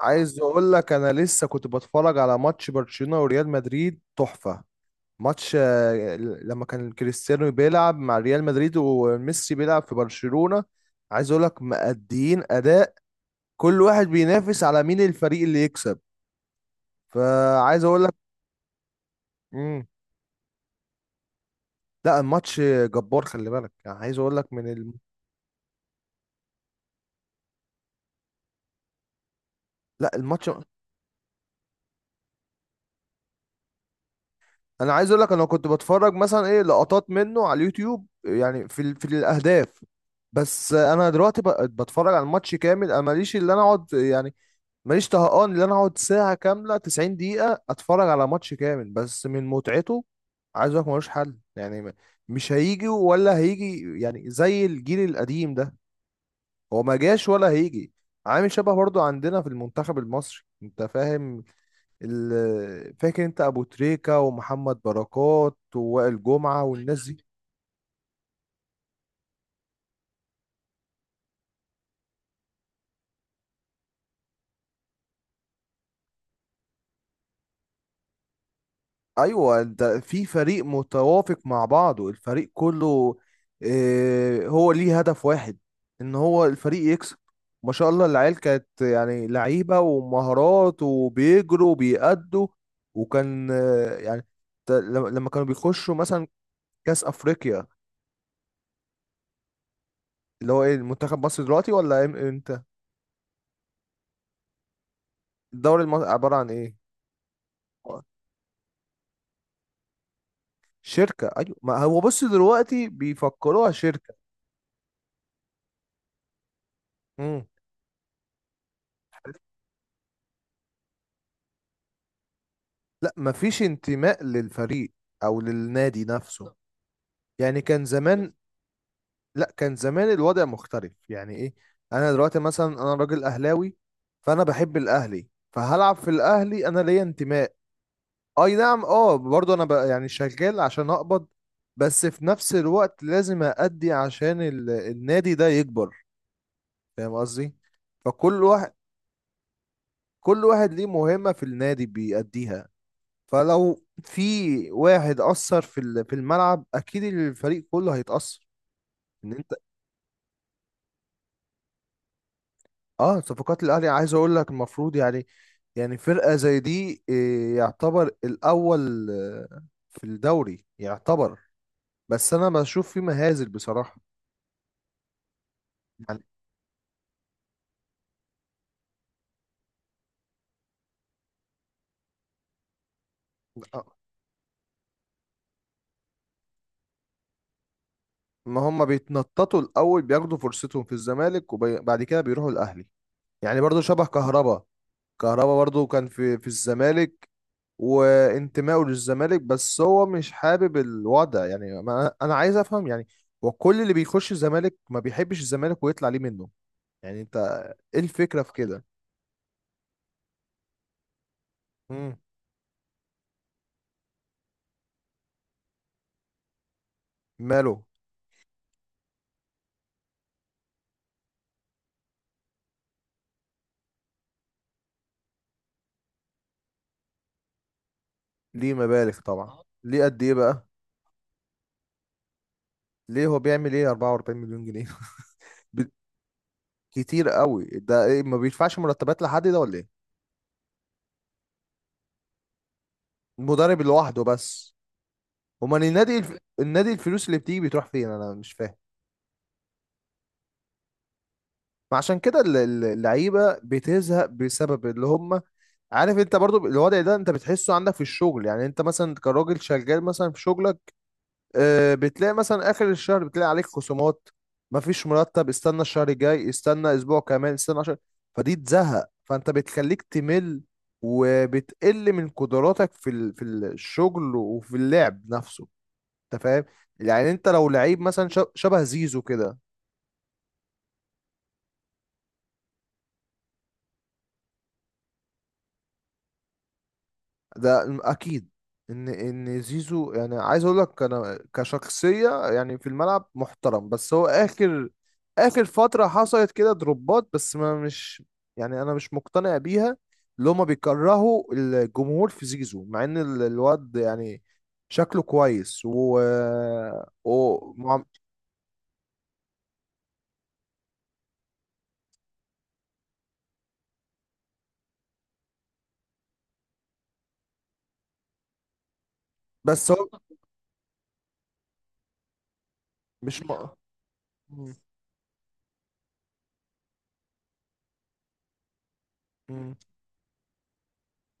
عايز اقول لك انا لسه كنت بتفرج على ماتش برشلونة وريال مدريد تحفة. ماتش آه، لما كان كريستيانو بيلعب مع ريال مدريد وميسي بيلعب في برشلونة. عايز اقول لك مأديين اداء. كل واحد بينافس على مين الفريق اللي يكسب. فعايز اقول لك. مم. لا الماتش جبار، خلي بالك يعني. عايز اقول لك من لا الماتش. انا عايز اقول لك انا كنت بتفرج مثلا ايه لقطات منه على اليوتيوب، يعني في الاهداف. بس انا دلوقتي بتفرج على الماتش كامل، انا ماليش اللي انا اقعد يعني. ماليش طهقان اللي انا اقعد ساعة كاملة، 90 دقيقة اتفرج على ماتش كامل بس من متعته. عايز اقول لك ملوش حل، يعني مش هيجي ولا هيجي يعني زي الجيل القديم ده. هو ما جاش ولا هيجي. عامل شبه برضو عندنا في المنتخب المصري، انت فاهم؟ فاكر انت ابو تريكة ومحمد بركات ووائل جمعة والناس دي؟ ايوه، انت في فريق متوافق مع بعضه، الفريق كله. اه، هو ليه هدف واحد، ان هو الفريق يكسب. ما شاء الله العيال كانت يعني لعيبة ومهارات وبيجروا وبيأدوا. وكان اه يعني لما كانوا بيخشوا مثلا كأس أفريقيا. اللي هو ايه، المنتخب مصر دلوقتي ولا امتى؟ الدوري المصري عبارة عن ايه؟ شركة، أيوة، ما هو بص دلوقتي بيفكروها شركة. امم لا، مفيش انتماء للفريق أو للنادي نفسه. يعني كان زمان. لا، كان زمان الوضع مختلف، يعني إيه، أنا دلوقتي مثلا أنا راجل أهلاوي، فأنا بحب الأهلي فهلعب في الأهلي، أنا ليا انتماء. أي نعم، أه، برضه أنا بقى يعني شغال عشان أقبض، بس في نفس الوقت لازم أأدي عشان النادي ده يكبر. فاهم قصدي؟ فكل واحد، كل واحد ليه مهمة في النادي بيأديها. فلو في واحد أثر في الملعب، أكيد الفريق كله هيتأثر. إن أنت أه، صفقات الأهلي عايز أقول لك المفروض يعني، يعني فرقة زي دي إيه، يعتبر الأول آه، في الدوري يعتبر. بس أنا بشوف في مهازل بصراحة. يعني آه، ما هم بيتنططوا الأول بياخدوا فرصتهم في الزمالك وبعد كده بيروحوا الأهلي. يعني برضو شبه كهربا. كهربا برضو كان في الزمالك وانتمائه للزمالك، بس هو مش حابب الوضع، يعني ما انا عايز افهم يعني. وكل اللي بيخش الزمالك ما بيحبش الزمالك ويطلع ليه منه. يعني انت ايه الفكرة في كده؟ مم. ماله؟ ليه مبالغ طبعا. ليه قد ايه بقى؟ ليه هو بيعمل ايه 44 مليون جنيه؟ ب- كتير قوي ده، إيه، ما بيدفعش مرتبات لحد ده ولا ايه؟ المدرب لوحده بس؟ امال النادي النادي، الفلوس اللي بتيجي بتروح فين؟ انا مش فاهم. ما عشان كده اللعيبه بتزهق بسبب اللي هم. عارف انت برضو الوضع ده، انت بتحسه عندك في الشغل، يعني انت مثلا كراجل شغال مثلا في شغلك. آه، بتلاقي مثلا اخر الشهر بتلاقي عليك خصومات، مفيش مرتب، استنى الشهر الجاي، استنى اسبوع كمان، استنى عشر. فدي تزهق، فانت بتخليك تمل وبتقل من قدراتك في الشغل وفي اللعب نفسه. انت فاهم؟ يعني انت لو لعيب مثلا شبه زيزو كده. اكيد ان ان زيزو، يعني عايز اقول لك انا كشخصيه يعني في الملعب محترم، بس هو اخر، اخر فتره حصلت كده دروبات بس ما مش، يعني انا مش مقتنع بيها. اللي هما بيكرهوا الجمهور في زيزو، مع ان الواد يعني شكله كويس و... مع- بس هو مش م... مم. مم.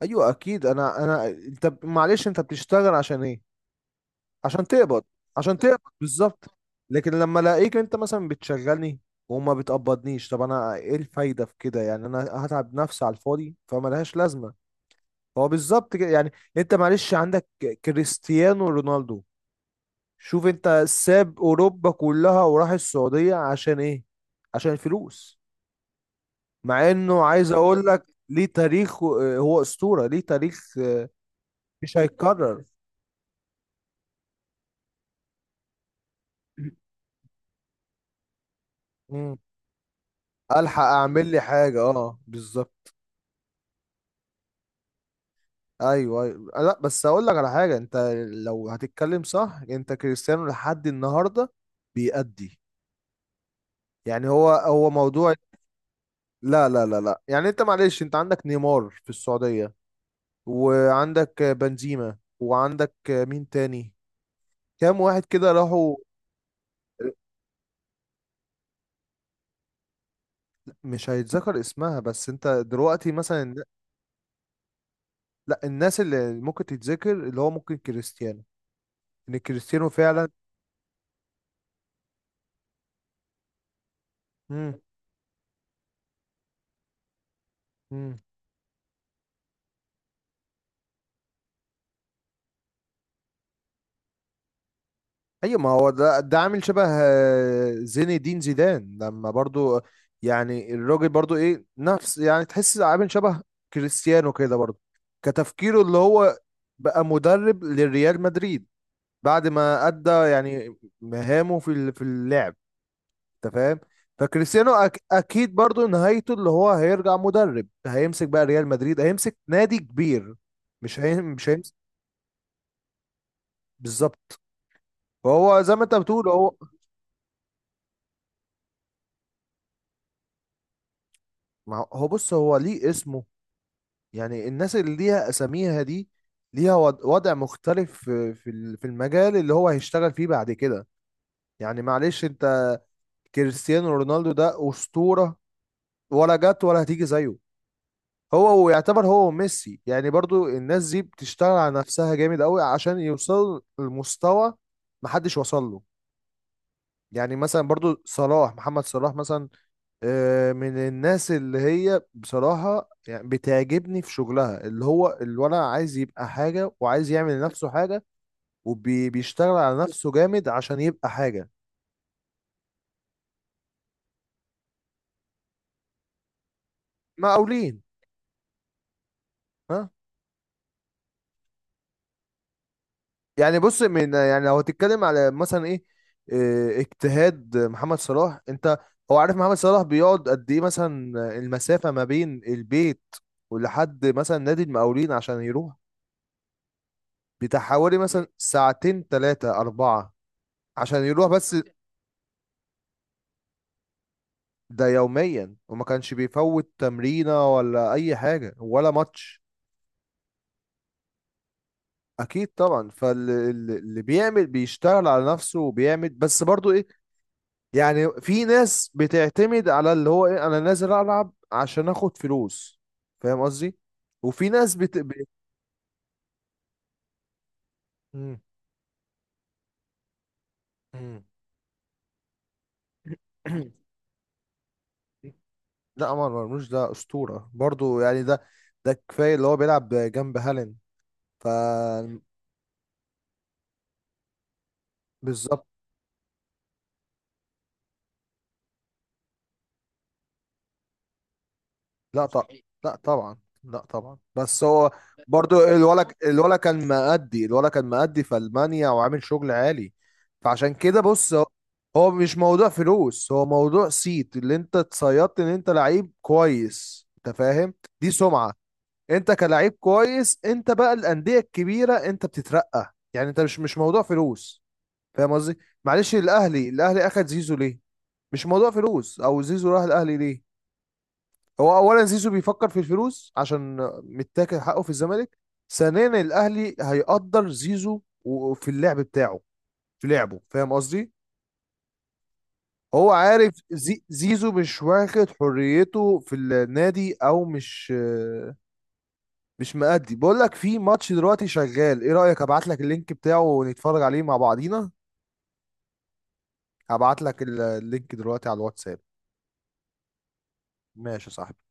ايوه اكيد. انا انت معلش انت بتشتغل عشان ايه؟ عشان تقبض. عشان تقبض بالظبط. لكن لما الاقيك انت مثلا بتشغلني وما بتقبضنيش، طب انا ايه الفايده في كده؟ يعني انا هتعب نفسي على الفاضي فما لهاش لازمه. هو بالظبط كده يعني. انت معلش عندك كريستيانو رونالدو. شوف انت، ساب اوروبا كلها وراح السعوديه عشان ايه؟ عشان الفلوس. مع انه عايز اقول لك ليه تاريخ، هو اسطوره ليه تاريخ آه، مش هيتكرر. مم. الحق اعمل لي حاجه، اه بالظبط. ايوه ايوه، لا بس اقول لك على حاجه، انت لو هتتكلم صح، انت كريستيانو لحد النهارده بيأدي. يعني هو هو موضوع. لا لا لا لا، يعني انت معلش، انت عندك نيمار في السعوديه، وعندك بنزيما، وعندك مين تاني، كام واحد كده راحوا. مش هيتذكر اسمها، بس انت دلوقتي مثلا، لا، الناس اللي ممكن تتذكر اللي هو ممكن كريستيانو، ان كريستيانو فعلا. مم. مم. ايوه ما هو ده ده عامل شبه آه، زين الدين زيدان لما برضو، يعني الراجل برضو ايه نفس يعني، تحس عامل شبه كريستيانو كده برضو. كتفكيره اللي هو بقى مدرب للريال مدريد بعد ما ادى يعني مهامه في اللعب. انت فاهم؟ فكريستيانو أك اكيد برضو نهايته اللي هو هيرجع مدرب، هيمسك بقى ريال مدريد، هيمسك نادي كبير. مش هيمسك. بالظبط. فهو زي ما انت بتقول. هو ما هو هو بص، هو ليه اسمه. يعني الناس اللي ليها اساميها دي ليها وضع مختلف في في المجال اللي هو هيشتغل فيه بعد كده. يعني معلش انت، كريستيانو رونالدو ده اسطورة، ولا جت ولا هتيجي زيه. هو ويعتبر هو ميسي، يعني برضو الناس دي بتشتغل على نفسها جامد قوي عشان يوصلوا لمستوى محدش وصل له. يعني مثلا برضو صلاح، محمد صلاح مثلا آه، من الناس اللي هي بصراحة يعني بتعجبني في شغلها، اللي هو الولد عايز يبقى حاجة وعايز يعمل لنفسه حاجة، وبيشتغل على نفسه جامد عشان يبقى حاجة. مقاولين. ها؟ يعني بص، من يعني لو هتتكلم على مثلا ايه آه، اجتهاد محمد صلاح، انت هو عارف محمد صلاح بيقعد قد ايه مثلا؟ المسافة ما بين البيت ولحد مثلا نادي المقاولين عشان يروح بتاع حوالي مثلا ساعتين تلاتة أربعة، عشان يروح بس. ده يوميا، وما كانش بيفوت تمرينة ولا أي حاجة ولا ماتش. أكيد طبعا. فاللي بيعمل بيشتغل على نفسه وبيعمل، بس برضو إيه، يعني في ناس بتعتمد على اللي هو إيه، أنا نازل ألعب عشان آخد فلوس. فاهم قصدي؟ وفي ناس مم. مم. لا، عمر مرموش ده أسطورة برضو يعني. ده ده كفاية اللي هو بيلعب جنب هالاند. ف بالظبط. لا طبعا مستحيل. لا طبعا. لا طبعا بس هو برضو الولا كان مأدي، كان مأدي في ألمانيا وعامل شغل عالي. فعشان كده بص هو، هو مش موضوع فلوس، هو موضوع صيت، اللي انت اتصيدت ان انت لعيب كويس. انت فاهم؟ دي سمعة. انت كلاعب كويس انت، بقى الأندية الكبيرة انت بتترقى، يعني انت مش موضوع فلوس. فاهم قصدي؟ معلش الأهلي، الأهلي أخد زيزو ليه؟ مش موضوع فلوس. او زيزو راح الأهلي ليه؟ هو اولا زيزو بيفكر في الفلوس عشان متاكل حقه في الزمالك. ثانيا الاهلي هيقدر زيزو في اللعب بتاعه، في لعبه. فاهم قصدي؟ هو عارف زي زيزو مش واخد حريته في النادي، او مش، مش مأدي. بقول لك في ماتش دلوقتي شغال، ايه رأيك ابعت لك اللينك بتاعه ونتفرج عليه مع بعضينا؟ هبعت لك اللينك دلوقتي على الواتساب. ماشي يا صاحبي.